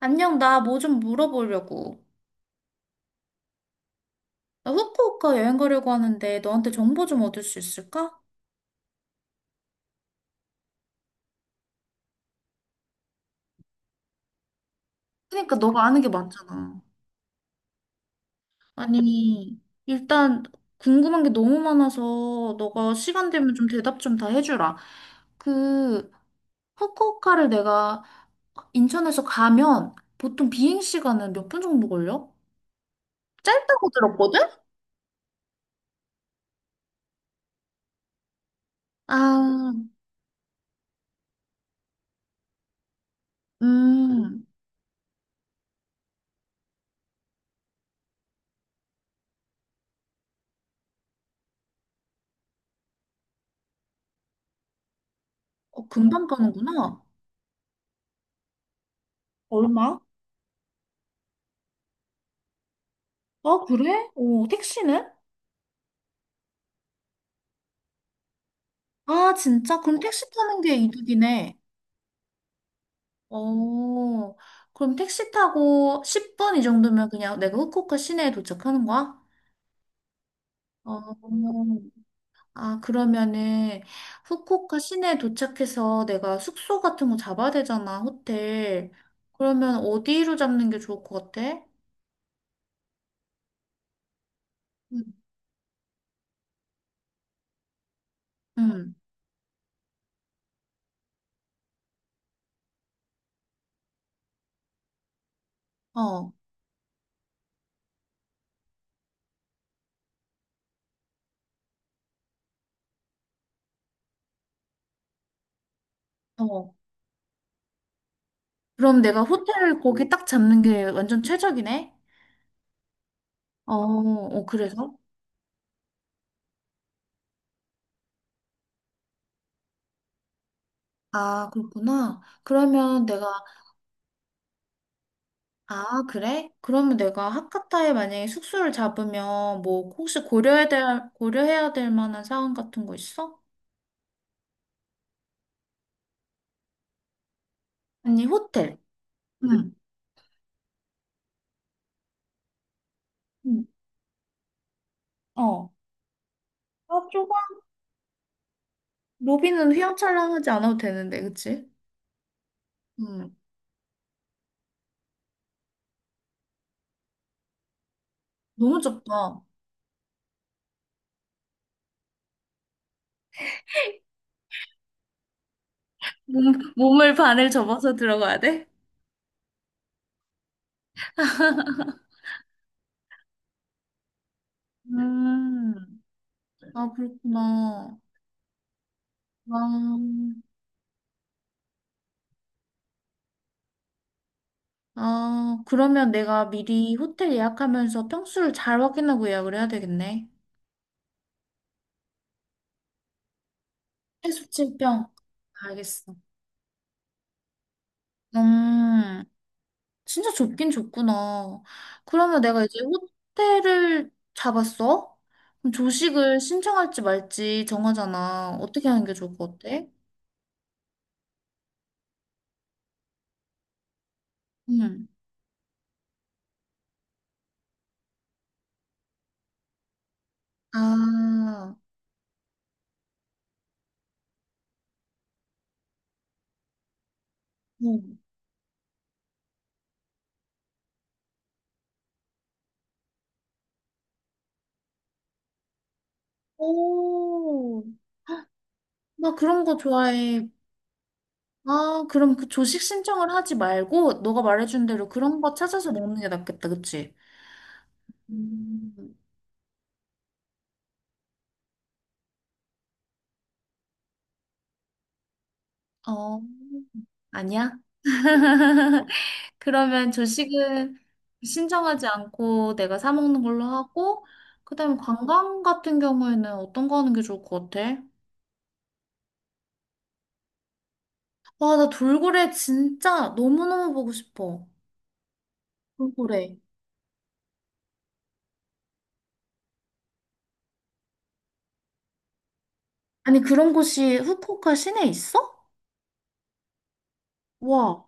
안녕, 나 뭐 좀 물어보려고. 나 후쿠오카 여행 가려고 하는데 너한테 정보 좀 얻을 수 있을까? 그러니까 너가 아는 게 많잖아. 아니, 일단 궁금한 게 너무 많아서 너가 시간 되면 좀 대답 좀 다 해주라. 그 후쿠오카를 내가 인천에서 가면 보통 비행 시간은 몇 분 정도 걸려? 짧다고 들었거든? 아, 음, 어, 금방 가는구나. 얼마? 아, 그래? 어, 택시는? 아, 진짜? 그럼 어, 택시 타는 게 이득이네. 어, 그럼 택시 타고 10분 이 정도면 그냥 내가 후쿠오카 시내에 도착하는 거야? 어, 아, 그러면은 후쿠오카 시내에 도착해서 내가 숙소 같은 거 잡아야 되잖아, 호텔. 그러면 어디로 잡는 게 좋을 것 같아? 응, 응, 어, 어. 그럼 내가 호텔을 거기 딱 잡는 게 완전 최적이네? 어, 어, 그래서? 아, 그렇구나. 그러면 내가 아, 그래? 그러면 내가 하카타에 만약에 숙소를 잡으면 뭐 혹시 고려해야 될, 고려해야 될 만한 사항 같은 거 있어? 아니, 호텔. 응. 응. 어. 아, 좁아. 로비는 휘황찬란하지 않아도 되는데, 그치? 응. 너무 좁다. 몸을 반을 접어서 들어가야 돼? 음. 아, 그렇구나. 아, 아, 그러면 내가 미리 호텔 예약하면서 평수를 잘 확인하고 예약을 해야 되겠네. 해수 칠평 알겠어. 음, 진짜 좁긴 좁구나. 그러면 내가 이제 호텔을 잡았어? 그럼 조식을 신청할지 말지 정하잖아. 어떻게 하는 게 좋을 것 같아? 응. 아, 응. 오, 나 그런 거 좋아해. 아, 그럼 그 조식 신청을 하지 말고, 너가 말해준 대로 그런 거 찾아서 먹는 게 낫겠다, 그치? 음, 어, 아니야? 그러면 조식은 신청하지 않고 내가 사 먹는 걸로 하고, 그다음에 관광 같은 경우에는 어떤 거 하는 게 좋을 것 같아? 와, 나 돌고래 진짜 너무너무 보고 싶어. 돌고래. 아니, 그런 곳이 후쿠오카 시내에 있어? 와.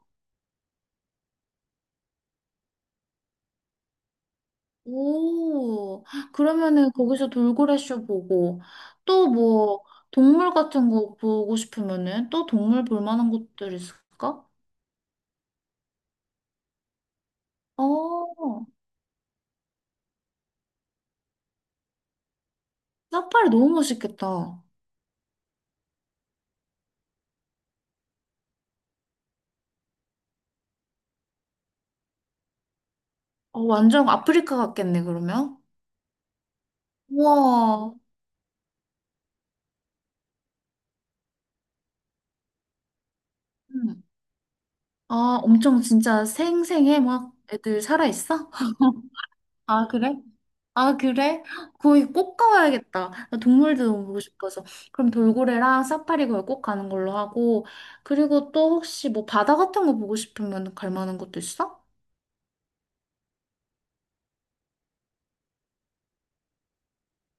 오, 그러면은 거기서 돌고래 쇼 보고, 또 뭐, 동물 같은 거 보고 싶으면은 또 동물 볼 만한 곳들 있을까? 어, 사파리 너무 멋있겠다. 어, 완전 아프리카 같겠네, 그러면? 우와. 음. 아, 엄청 진짜 생생해, 막 애들 살아있어? 아, 그래? 아, 그래? 거기 꼭 가봐야겠다. 나 동물도 너무 보고 싶어서. 그럼 돌고래랑 사파리 걸 꼭 가는 걸로 하고, 그리고 또 혹시 뭐 바다 같은 거 보고 싶으면 갈 만한 것도 있어?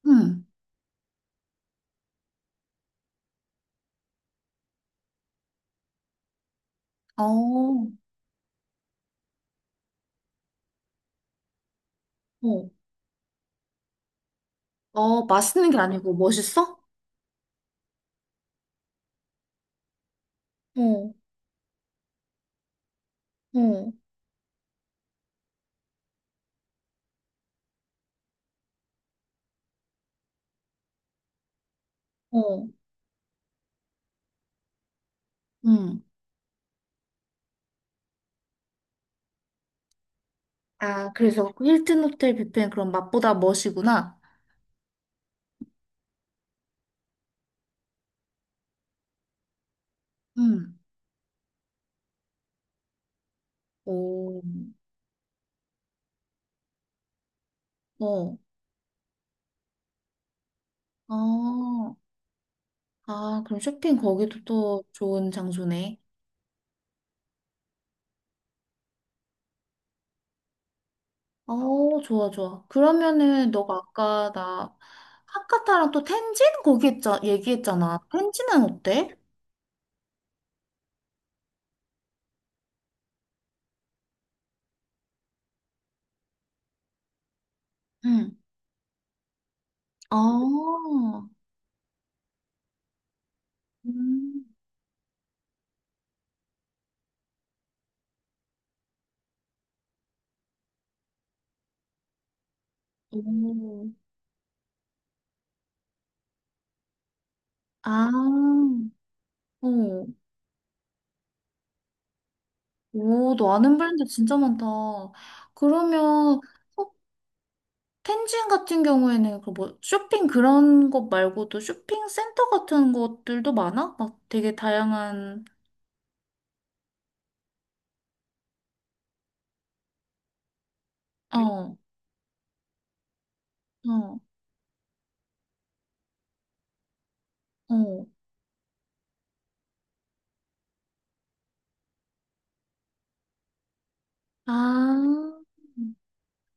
응. 어, 어. 어, 맛있는 게 아니고 멋있어? 어, 어, 어. 응. 아, 그래서 그 힐튼 호텔 뷔페는 그럼 맛보다 멋이구나. 음. 오, 어, 아, 아, 그럼 쇼핑 거기도 또 좋은 장소네. 어, 좋아, 좋아. 그러면은 너가 아까 나 하카타랑 또 텐진 거기 얘기했잖아. 텐진은 어때? 응 아 음, 오, 아, 어, 오, 너 아는 브랜드 진짜 많다. 그러면 텐진 같은 경우에는 그 뭐 쇼핑 그런 것 말고도 쇼핑 센터 같은 것들도 많아? 막 되게 다양한 어, 그래? 어, 어. 아,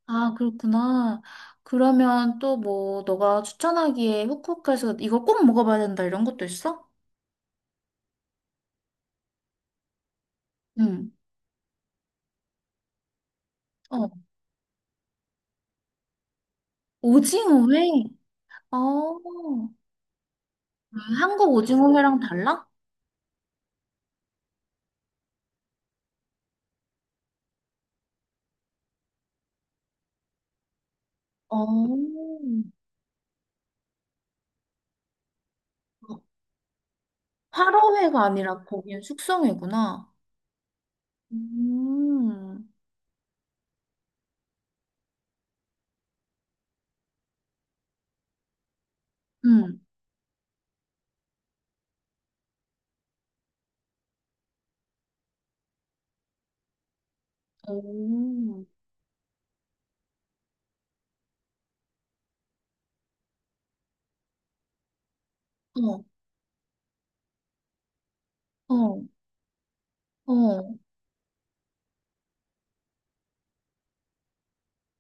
아 그렇구나. 그러면 또 뭐 너가 추천하기에 후쿠오카에서 이거 꼭 먹어봐야 된다 이런 것도 있어? 응. 어, 오징어 회. 어, 아, 한국 오징어 회랑 달라? 어, 활어회가 아니라 거기는 숙성회구나. 음. 응, 오. 어, 어, 어.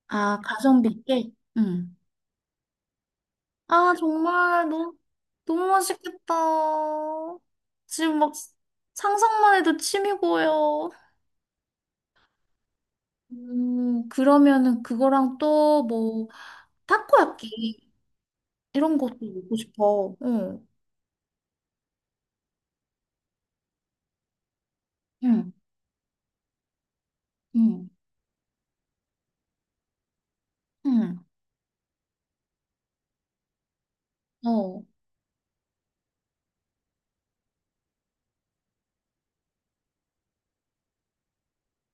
아, 가성비 꽤? 응. 아, 정말 너무, 너무 맛있겠다. 지금 막 상상만 해도 침이 고여. 그러면은 그거랑 또 뭐, 타코야끼 이런 것도 먹고 싶어. 응, 응, 응, 응. 어.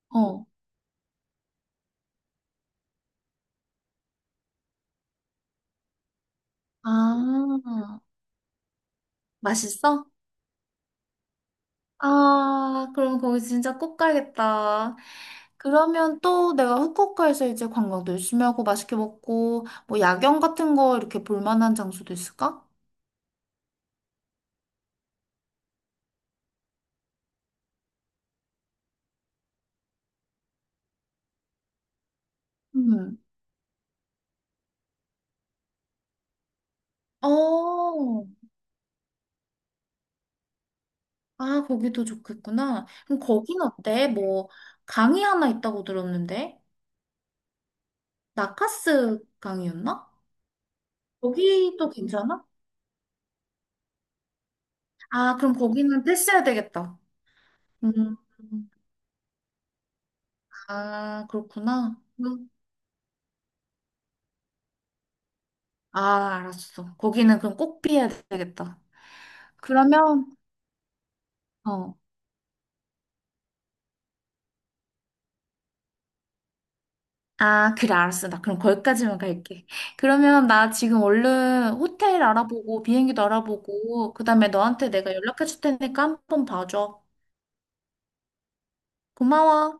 어. 아, 맛있어? 아, 그럼 거기 진짜 꼭 가야겠다. 그러면 또 내가 후쿠오카에서 이제 관광도 열심히 하고 맛있게 먹고 뭐 야경 같은 거 이렇게 볼 만한 장소도 있을까? 음. 어. 아, 거기도 좋겠구나. 그럼 거긴 어때? 뭐 강이 하나 있다고 들었는데. 나카스 강이었나? 거기도 괜찮아? 아, 그럼 거기는 패스해야 되겠다. 음. 아, 그렇구나. 음. 아, 알았어. 거기는 그럼 꼭 피해야 되겠다. 그러면 어. 아, 그래, 알았어. 나 그럼 거기까지만 갈게. 그러면 나 지금 얼른 호텔 알아보고, 비행기도 알아보고, 그 다음에 너한테 내가 연락해 줄 테니까 한번 봐줘. 고마워.